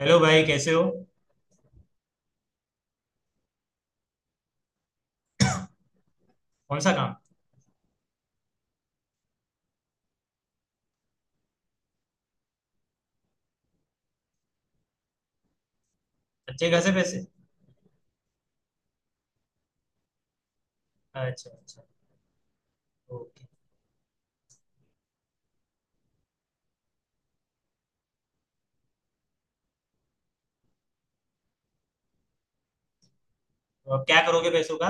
Hello भाई कैसे हो। कौन सा काम। अच्छे खासे पैसे। अच्छा अच्छा। ओके। तो अब क्या करोगे पैसों का।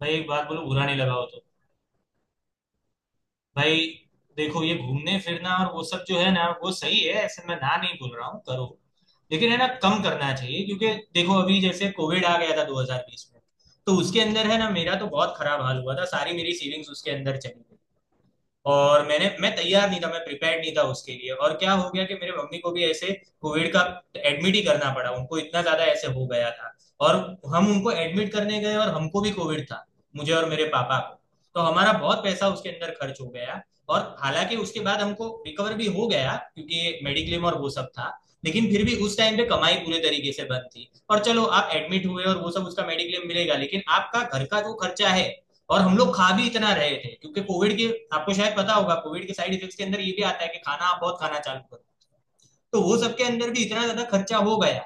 भाई एक बात बोलो बुरा नहीं लगाओ तो। भाई देखो, ये घूमने फिरना और वो सब जो है ना वो सही है, ऐसे मैं ना नहीं बोल रहा हूँ, करो। लेकिन है ना कम करना चाहिए, क्योंकि देखो अभी जैसे कोविड आ गया था 2020 में, तो उसके अंदर है ना मेरा तो बहुत खराब हाल हुआ था, सारी मेरी सेविंग्स उसके अंदर चली गई। और मैं तैयार नहीं था, मैं प्रिपेयर्ड नहीं था उसके लिए। और क्या हो गया कि मेरे मम्मी को भी ऐसे कोविड का एडमिट ही करना पड़ा, उनको इतना ज्यादा ऐसे हो गया था। और हम उनको एडमिट करने गए और हमको भी कोविड था, मुझे और मेरे पापा को। तो हमारा बहुत पैसा उसके अंदर खर्च हो गया। और हालांकि उसके बाद हमको रिकवर भी हो गया, क्योंकि मेडिक्लेम और वो सब था, लेकिन फिर भी उस टाइम पे कमाई पूरे तरीके से बंद थी। और चलो आप एडमिट हुए और वो सब, उसका मेडिक्लेम मिलेगा, लेकिन आपका घर का जो खर्चा है। और हम लोग खा भी इतना रहे थे क्योंकि कोविड के, आपको शायद पता होगा कोविड के साइड इफेक्ट्स के अंदर ये भी आता है कि खाना आप बहुत खाना चालू करो। तो वो सबके अंदर भी इतना ज्यादा खर्चा हो गया।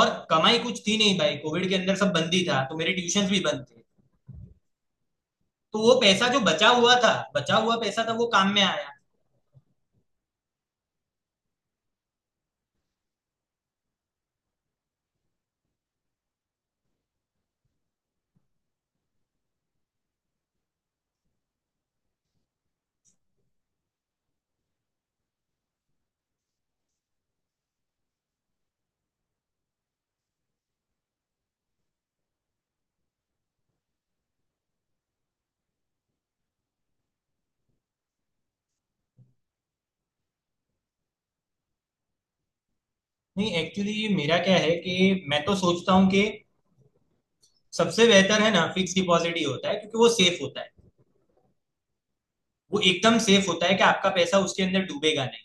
और कमाई कुछ थी नहीं भाई, कोविड के अंदर सब बंद ही था, तो मेरे ट्यूशन भी बंद थे। तो वो पैसा जो बचा हुआ पैसा था वो काम में आया। नहीं, एक्चुअली मेरा क्या है कि मैं तो सोचता हूँ कि सबसे बेहतर है ना फिक्स डिपॉजिट ही होता है, क्योंकि वो सेफ होता है। वो एकदम सेफ होता है कि आपका पैसा उसके अंदर डूबेगा नहीं।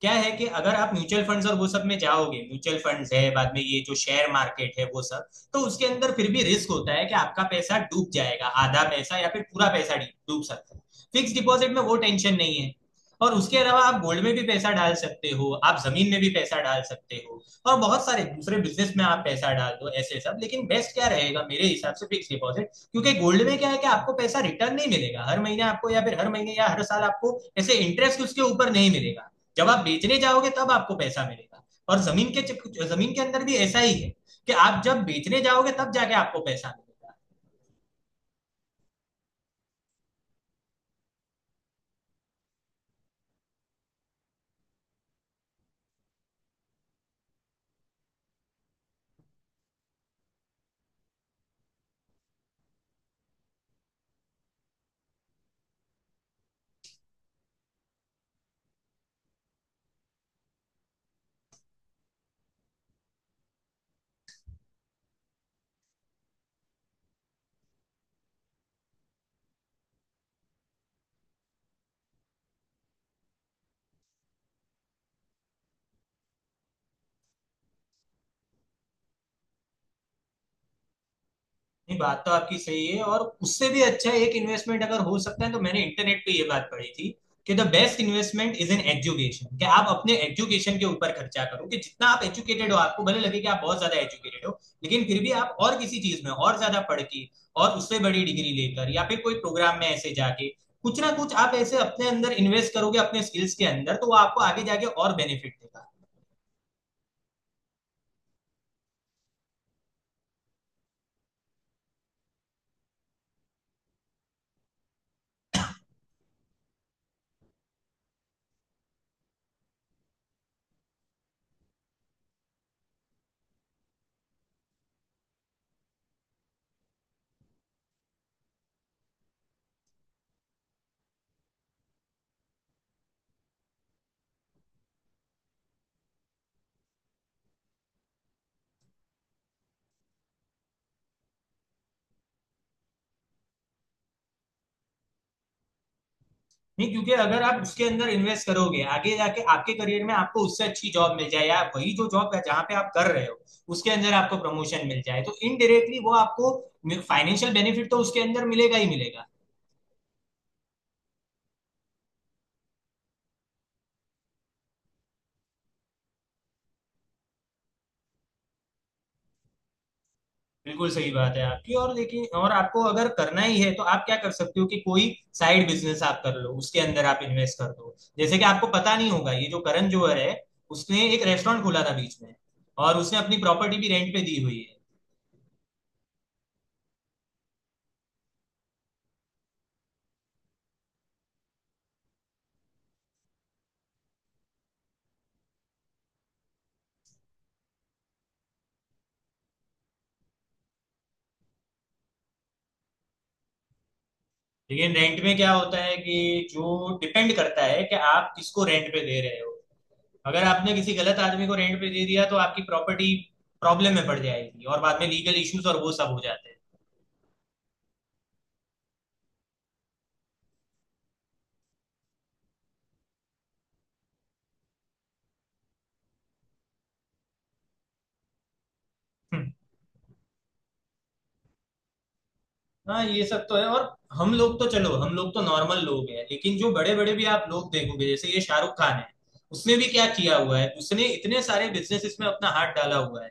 क्या है कि अगर आप म्यूचुअल फंड्स और वो सब में जाओगे, म्यूचुअल फंड्स है बाद में ये जो शेयर मार्केट है वो सब, तो उसके अंदर फिर भी रिस्क होता है कि आपका पैसा डूब जाएगा, आधा पैसा या फिर पूरा पैसा डूब सकता है। फिक्स डिपॉजिट में वो टेंशन नहीं है। और उसके अलावा आप गोल्ड में भी पैसा डाल सकते हो, आप जमीन में भी पैसा डाल सकते हो। और बहुत सारे दूसरे बिजनेस में आप पैसा डाल दो ऐसे सब, लेकिन बेस्ट क्या रहेगा मेरे हिसाब से फिक्स डिपॉजिट, क्योंकि गोल्ड में क्या है कि आपको पैसा रिटर्न नहीं मिलेगा हर महीने आपको, या फिर हर महीने या हर साल आपको ऐसे इंटरेस्ट उसके ऊपर नहीं मिलेगा। जब आप बेचने जाओगे तब आपको पैसा मिलेगा। और जमीन के अंदर भी ऐसा ही है कि आप जब बेचने जाओगे तब जाके आपको पैसा मिलेगा। नहीं, बात तो आपकी सही है। और उससे भी अच्छा एक इन्वेस्टमेंट अगर हो सकता है, तो मैंने इंटरनेट पे ये बात पढ़ी थी कि the best investment is in education, कि आप अपने एजुकेशन के ऊपर खर्चा करो। कि जितना आप एजुकेटेड हो, आपको भले लगे कि आप बहुत ज्यादा एजुकेटेड हो, लेकिन फिर भी आप और किसी चीज में और ज्यादा पढ़ के, और उससे बड़ी डिग्री लेकर या फिर कोई प्रोग्राम में ऐसे जाके कुछ ना कुछ आप ऐसे अपने अंदर इन्वेस्ट करोगे अपने स्किल्स के अंदर, तो वो आपको आगे जाके और बेनिफिट देगा। नहीं, क्योंकि अगर आप उसके अंदर इन्वेस्ट करोगे, आगे जाके आपके करियर में आपको उससे अच्छी जॉब मिल जाए, या वही जो जॉब है जहाँ पे आप कर रहे हो उसके अंदर आपको प्रमोशन मिल जाए, तो इनडायरेक्टली वो आपको फाइनेंशियल बेनिफिट तो उसके अंदर मिलेगा ही मिलेगा। बिल्कुल सही बात है आपकी, और लेकिन और आपको अगर करना ही है तो आप क्या कर सकते हो कि कोई साइड बिजनेस आप कर लो, उसके अंदर आप इन्वेस्ट कर दो। जैसे कि आपको पता नहीं होगा, ये जो करण जोहर है, उसने एक रेस्टोरेंट खोला था बीच में, और उसने अपनी प्रॉपर्टी भी रेंट पे दी हुई है। लेकिन रेंट में क्या होता है कि जो डिपेंड करता है कि आप किसको रेंट पे दे रहे हो। अगर आपने किसी गलत आदमी को रेंट पे दे दिया, तो आपकी प्रॉपर्टी प्रॉब्लम में पड़ जाएगी और बाद में लीगल इश्यूज और वो सब हो जाते हैं। हम्म। हाँ, ये सब तो है। और हम लोग तो, चलो, हम लोग तो नॉर्मल लोग हैं, लेकिन जो बड़े बड़े भी आप लोग देखोगे, जैसे ये शाहरुख खान है, उसने भी क्या किया हुआ है, उसने इतने सारे बिजनेस में अपना हाथ डाला हुआ है।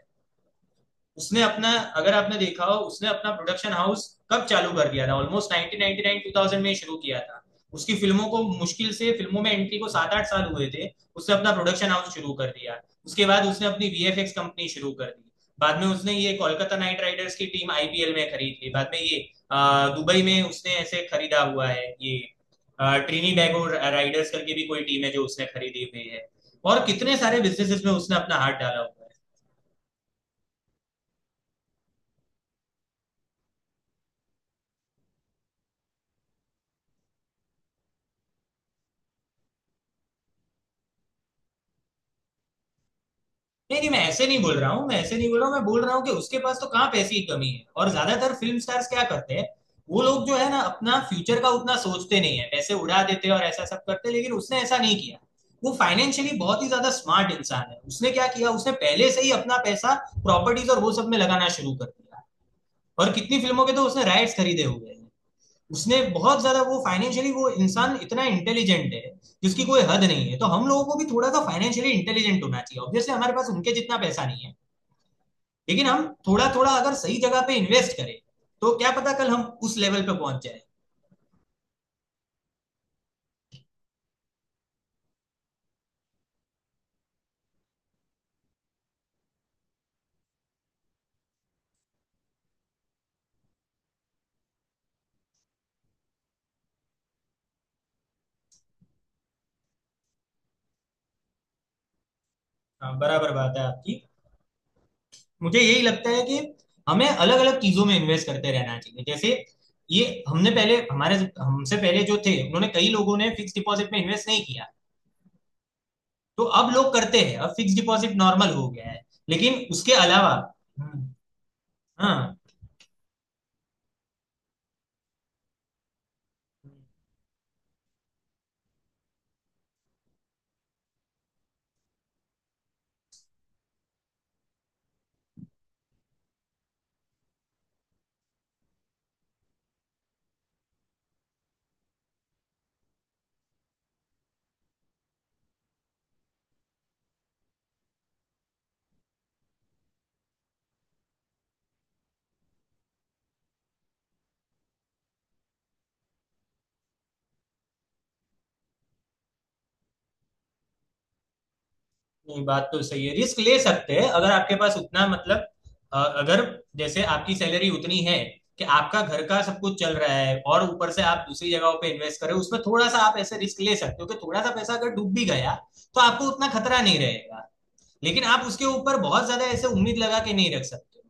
उसने अपना, अगर आपने देखा हो, उसने अपना प्रोडक्शन हाउस कब चालू कर दिया था, ऑलमोस्ट 1999 2000 में शुरू किया था। उसकी फिल्मों को मुश्किल से फिल्मों में एंट्री को 7 8 साल हुए थे, उसने अपना प्रोडक्शन हाउस शुरू कर दिया। उसके बाद उसने अपनी वीएफएक्स कंपनी शुरू कर दी। बाद में उसने ये कोलकाता नाइट राइडर्स की टीम आईपीएल में खरीद ली। बाद में ये अ, दुबई में उसने ऐसे खरीदा हुआ है, ये ट्रिनी बैगो राइडर्स करके भी कोई टीम है जो उसने खरीदी हुई है। और कितने सारे बिजनेसेस में उसने अपना हाथ डाला हुआ है। नहीं नहीं, मैं ऐसे नहीं बोल रहा हूँ, मैं ऐसे नहीं बोल रहा हूँ, मैं बोल रहा हूँ कि उसके पास तो कहाँ पैसे की कमी है। और ज्यादातर फिल्म स्टार्स क्या करते हैं, वो लोग जो है ना अपना फ्यूचर का उतना सोचते नहीं है, पैसे उड़ा देते हैं और ऐसा सब करते हैं, लेकिन उसने ऐसा नहीं किया। वो फाइनेंशियली बहुत ही ज्यादा स्मार्ट इंसान है। उसने क्या किया, उसने पहले से ही अपना पैसा प्रॉपर्टीज और वो सब में लगाना शुरू कर दिया। और कितनी फिल्मों के तो उसने राइट्स खरीदे हुए हैं। उसने बहुत ज्यादा वो, फाइनेंशियली वो इंसान इतना इंटेलिजेंट है जिसकी कोई हद नहीं है। तो हम लोगों को भी थोड़ा सा फाइनेंशियली इंटेलिजेंट होना चाहिए। ऑब्वियसली हमारे पास उनके जितना पैसा नहीं है, लेकिन हम थोड़ा थोड़ा अगर सही जगह पे इन्वेस्ट करें, तो क्या पता कल हम उस लेवल पे पहुंच जाए। हाँ, बराबर बात है आपकी। मुझे यही लगता है कि हमें अलग अलग चीजों में इन्वेस्ट करते रहना चाहिए। जैसे ये हमने पहले हमारे हमसे पहले जो थे उन्होंने, कई लोगों ने फिक्स डिपॉजिट में इन्वेस्ट नहीं किया। तो अब लोग करते हैं, अब फिक्स डिपॉजिट नॉर्मल हो गया है। लेकिन उसके अलावा हम्म। हाँ। नहीं, बात तो सही है, रिस्क ले सकते हैं अगर आपके पास उतना मतलब, अगर जैसे आपकी सैलरी उतनी है कि आपका घर का सब कुछ चल रहा है और ऊपर से आप दूसरी जगहों पे इन्वेस्ट कर रहे हो, उसमें थोड़ा सा आप ऐसे रिस्क ले सकते हो कि थोड़ा सा पैसा अगर डूब भी गया तो आपको उतना खतरा नहीं रहेगा। लेकिन आप उसके ऊपर बहुत ज्यादा ऐसे उम्मीद लगा के नहीं रख सकते।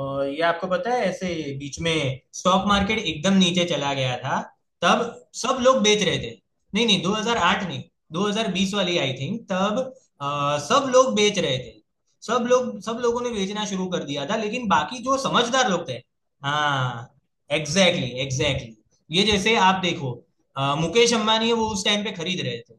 और ये आपको पता है, ऐसे बीच में स्टॉक मार्केट एकदम नीचे चला गया था, तब सब लोग बेच रहे थे। नहीं नहीं, 2008 नहीं, 2020 वाली आई थिंक तब। सब लोग बेच रहे थे, सब लोगों ने बेचना शुरू कर दिया था, लेकिन बाकी जो समझदार लोग थे। हाँ, एग्जैक्टली एग्जैक्टली। ये जैसे आप देखो, मुकेश अंबानी है, वो उस टाइम पे खरीद रहे थे।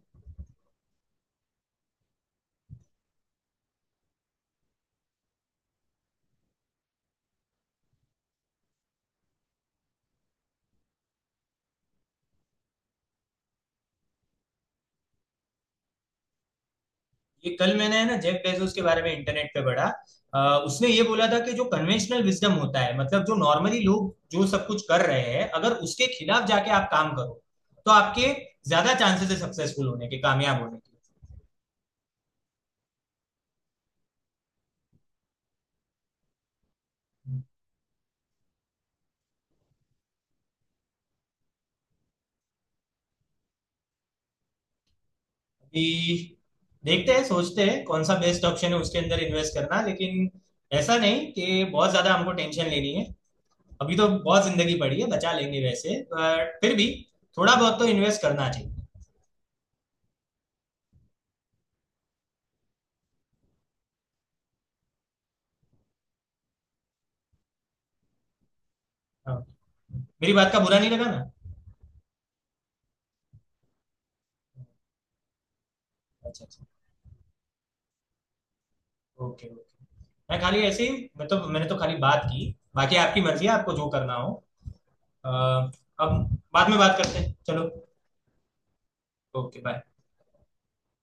ये कल मैंने है ना जेफ बेजोस के बारे में इंटरनेट पे पढ़ा। अ, उसने ये बोला था कि जो कन्वेंशनल विजडम होता है, मतलब जो नॉर्मली लोग जो सब कुछ कर रहे हैं, अगर उसके खिलाफ जाके आप काम करो, तो आपके ज्यादा चांसेस है सक्सेसफुल होने के, कामयाब होने के। अभी देखते हैं, सोचते हैं कौन सा बेस्ट ऑप्शन है उसके अंदर इन्वेस्ट करना, लेकिन ऐसा नहीं कि बहुत ज्यादा हमको टेंशन लेनी है। अभी तो बहुत जिंदगी पड़ी है, बचा लेंगे वैसे, बट फिर भी थोड़ा बहुत तो इन्वेस्ट करना चाहिए। हाँ। मेरी बात का बुरा नहीं लगा ना। अच्छा अच्छा। Okay okay. मैं खाली ऐसे ही, मैंने तो खाली बात की। बाकी आपकी मर्जी है, आपको जो करना हो। अ, अब बाद में बात करते हैं चलो। Okay bye.